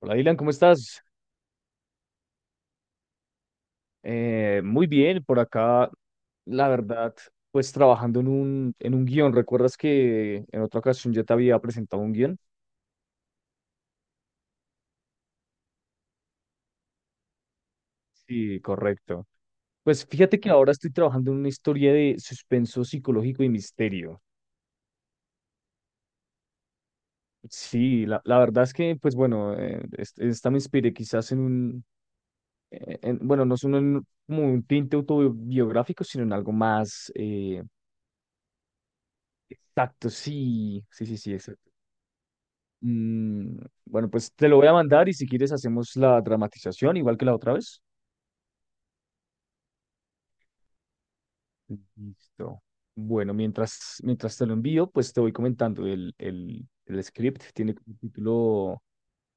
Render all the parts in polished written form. Hola, Dylan, ¿cómo estás? Muy bien, por acá, la verdad, pues trabajando en un guión. ¿Recuerdas que en otra ocasión yo te había presentado un guión? Sí, correcto. Pues fíjate que ahora estoy trabajando en una historia de suspenso psicológico y misterio. Sí, la verdad es que, pues bueno, esta me inspiré quizás en bueno, no es un, en- como un tinte autobiográfico, sino en algo más exacto, sí, sí, sí, sí, exacto. Mm, bueno, pues te lo voy a mandar y si quieres hacemos la dramatización igual que la otra vez. Listo. Bueno, mientras te lo envío, pues te voy comentando. El script tiene como título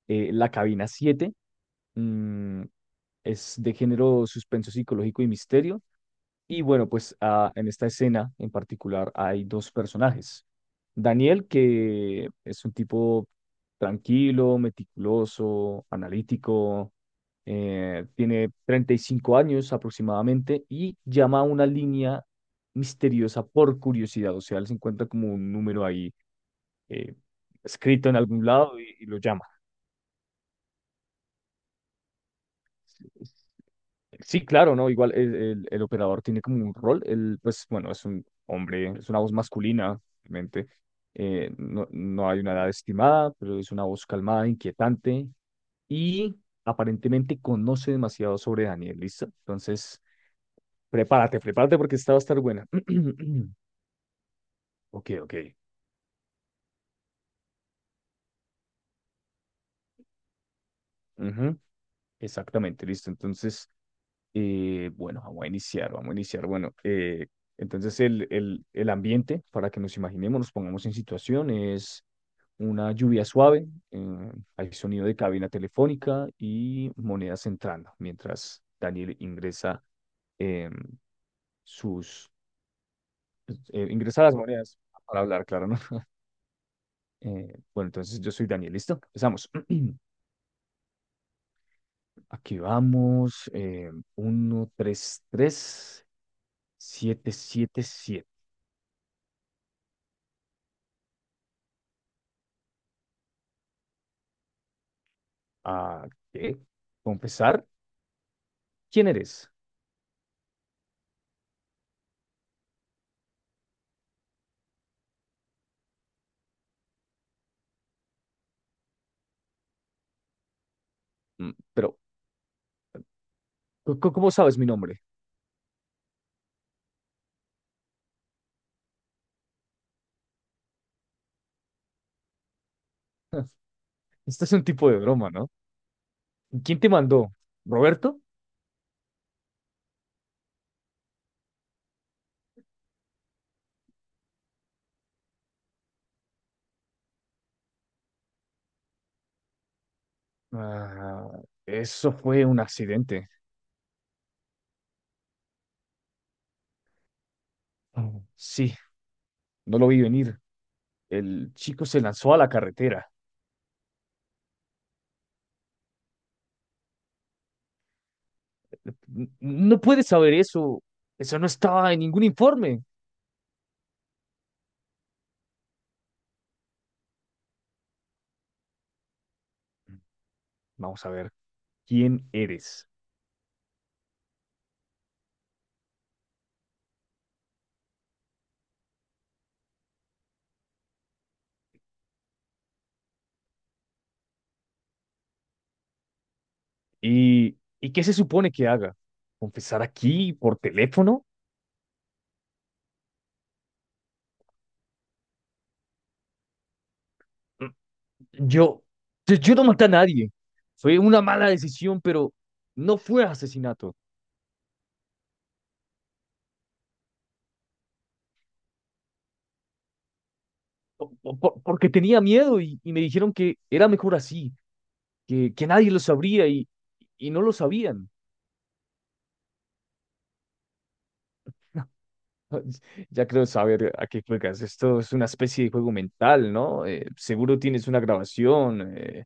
La Cabina siete. Mm, es de género suspenso psicológico y misterio. Y bueno, pues en esta escena en particular hay dos personajes. Daniel, que es un tipo tranquilo, meticuloso, analítico, tiene 35 años aproximadamente y llama a una línea misteriosa por curiosidad. O sea, él se encuentra como un número ahí eh, escrito en algún lado y lo llama. Sí, claro, ¿no? Igual el operador tiene como un rol, él, pues bueno, es un hombre, es una voz masculina, obviamente. No hay una edad estimada, pero es una voz calmada, inquietante y aparentemente conoce demasiado sobre Daniel, ¿listo? Entonces, prepárate, prepárate porque esta va a estar buena. Ok, ok. Ujú, exactamente, listo. Entonces, bueno, vamos a iniciar, vamos a iniciar. Bueno, entonces el ambiente, para que nos imaginemos, nos pongamos en situaciones, una lluvia suave, hay sonido de cabina telefónica y monedas entrando, mientras Daniel ingresa eh, sus ingresa las monedas para hablar, claro, ¿no? Bueno, entonces yo soy Daniel, ¿listo? Empezamos. Aquí vamos. 1, 3 3, 7 7 7. ¿A qué? ¿Confesar? ¿Quién eres? Pero, ¿cómo sabes mi nombre? Este es un tipo de broma, ¿no? ¿Quién te mandó? ¿Roberto? Ah, eso fue un accidente. Mm. Sí, no lo vi venir. El chico se lanzó a la carretera. No puedes saber eso. Eso no estaba en ningún informe. Vamos a ver, ¿quién eres? Y qué se supone que haga? ¿Confesar aquí por teléfono? Mm, Yo, yo no maté a nadie. Fue una mala decisión, pero no fue asesinato. Porque tenía miedo y me dijeron que era mejor así, que nadie lo sabría y no lo sabían. Ya creo saber a qué juegas. Esto es una especie de juego mental, ¿no? Seguro tienes una grabación,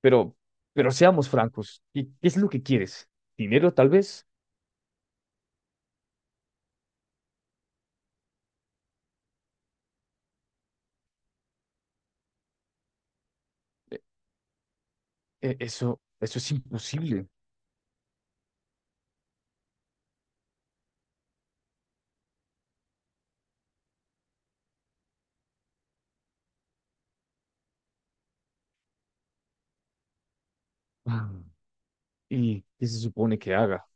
pero, pero seamos francos. ¿Qué es lo que quieres? ¿Dinero, tal vez? Eh, eso es imposible. Ah, ¿y qué se supone que haga?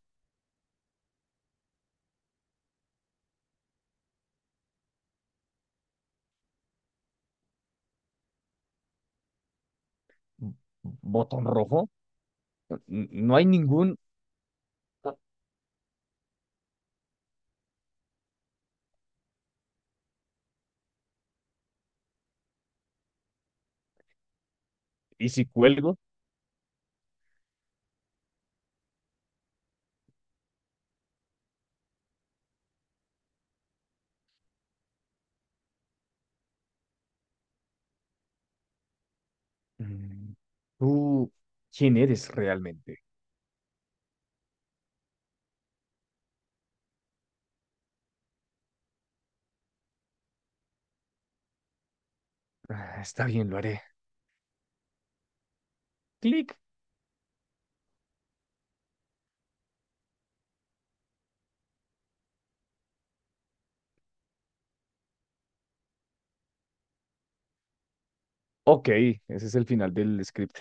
¿Botón rojo? No hay ningún... ¿Y si cuelgo? Mm, ¿tú quién eres realmente? Ah, está bien, lo haré. Clic. Ok, ese es el final del script.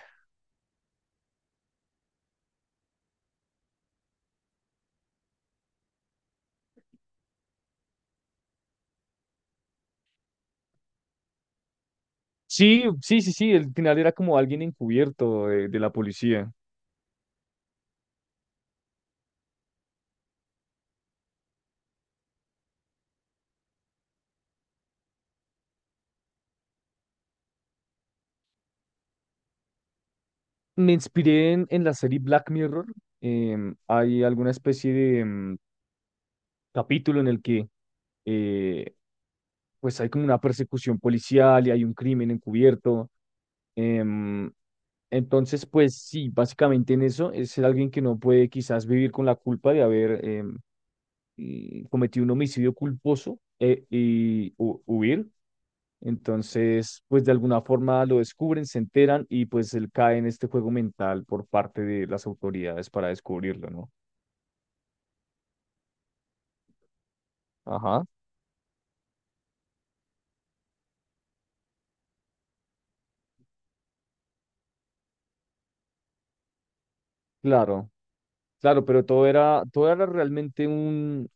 Sí, sí, sí, sí, el final era como alguien encubierto de la policía. Me inspiré en la serie Black Mirror. Hay alguna especie de capítulo en el que eh, pues hay como una persecución policial y hay un crimen encubierto. em, entonces, pues sí, básicamente en eso es ser alguien que no puede quizás vivir con la culpa de haber cometido un homicidio culposo y huir. Entonces, pues de alguna forma lo descubren, se enteran y pues él cae en este juego mental por parte de las autoridades para descubrirlo, ¿no? Ajá, claro, claro, pero todo era realmente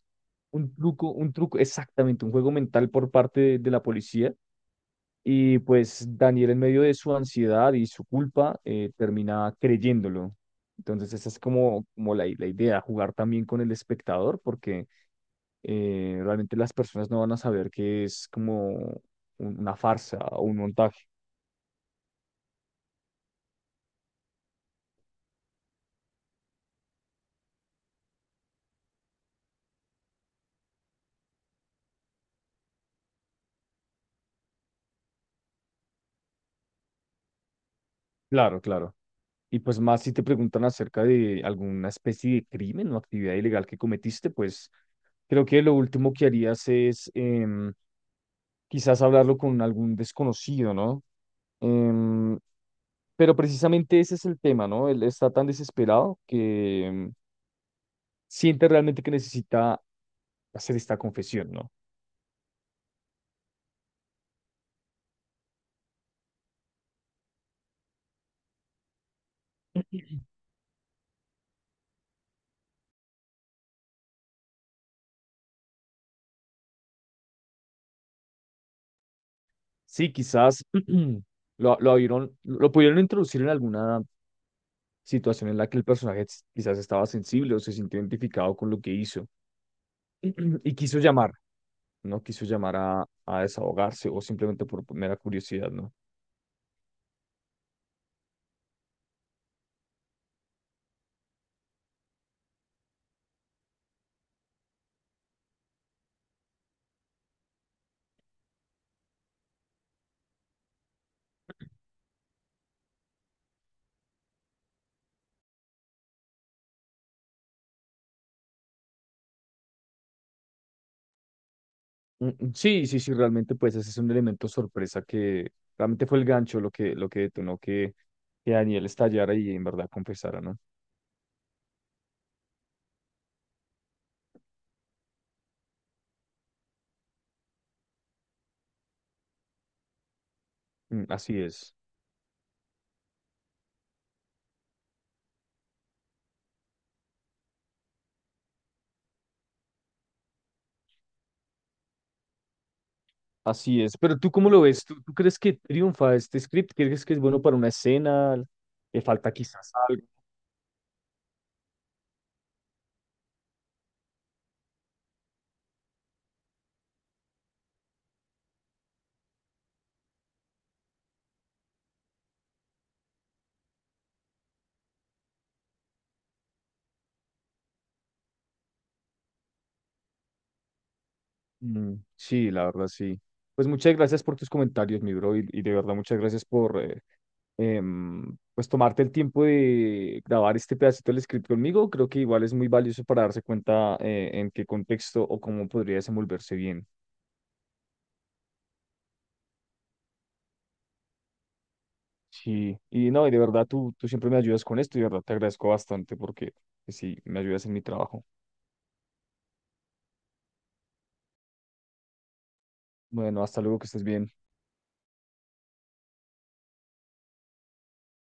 un truco, exactamente, un juego mental por parte de la policía. Y pues Daniel en medio de su ansiedad y su culpa termina creyéndolo. Entonces, esa es como, como la idea, jugar también con el espectador, porque realmente las personas no van a saber que es como una farsa o un montaje. Claro, claro. Y pues más si te preguntan acerca de alguna especie de crimen o actividad ilegal que cometiste, pues creo que lo último que harías es quizás hablarlo con algún desconocido, ¿no? Em, pero precisamente ese es el tema, ¿no? Él está tan desesperado que siente realmente que necesita hacer esta confesión, ¿no? Sí, quizás lo pudieron introducir en alguna situación en la que el personaje quizás estaba sensible o se sintió identificado con lo que hizo y quiso llamar, ¿no? Quiso llamar a desahogarse o simplemente por mera curiosidad, ¿no? Sí, sí, sí, realmente pues ese es un elemento sorpresa que realmente fue el gancho lo que detonó que Daniel estallara y en verdad confesara, ¿no? Mm, así es. Así es, pero ¿tú cómo lo ves? ¿Tú crees que triunfa este script? ¿Crees que es bueno para una escena? ¿Le falta quizás algo? Mm, sí, la verdad, sí. Pues muchas gracias por tus comentarios, mi bro, y de verdad muchas gracias por pues tomarte el tiempo de grabar este pedacito del script conmigo. Creo que igual es muy valioso para darse cuenta, en qué contexto o cómo podría desenvolverse bien. Sí, y no, y de verdad tú siempre me ayudas con esto y de verdad te agradezco bastante porque pues, sí, me ayudas en mi trabajo. Bueno, hasta luego, que estés bien.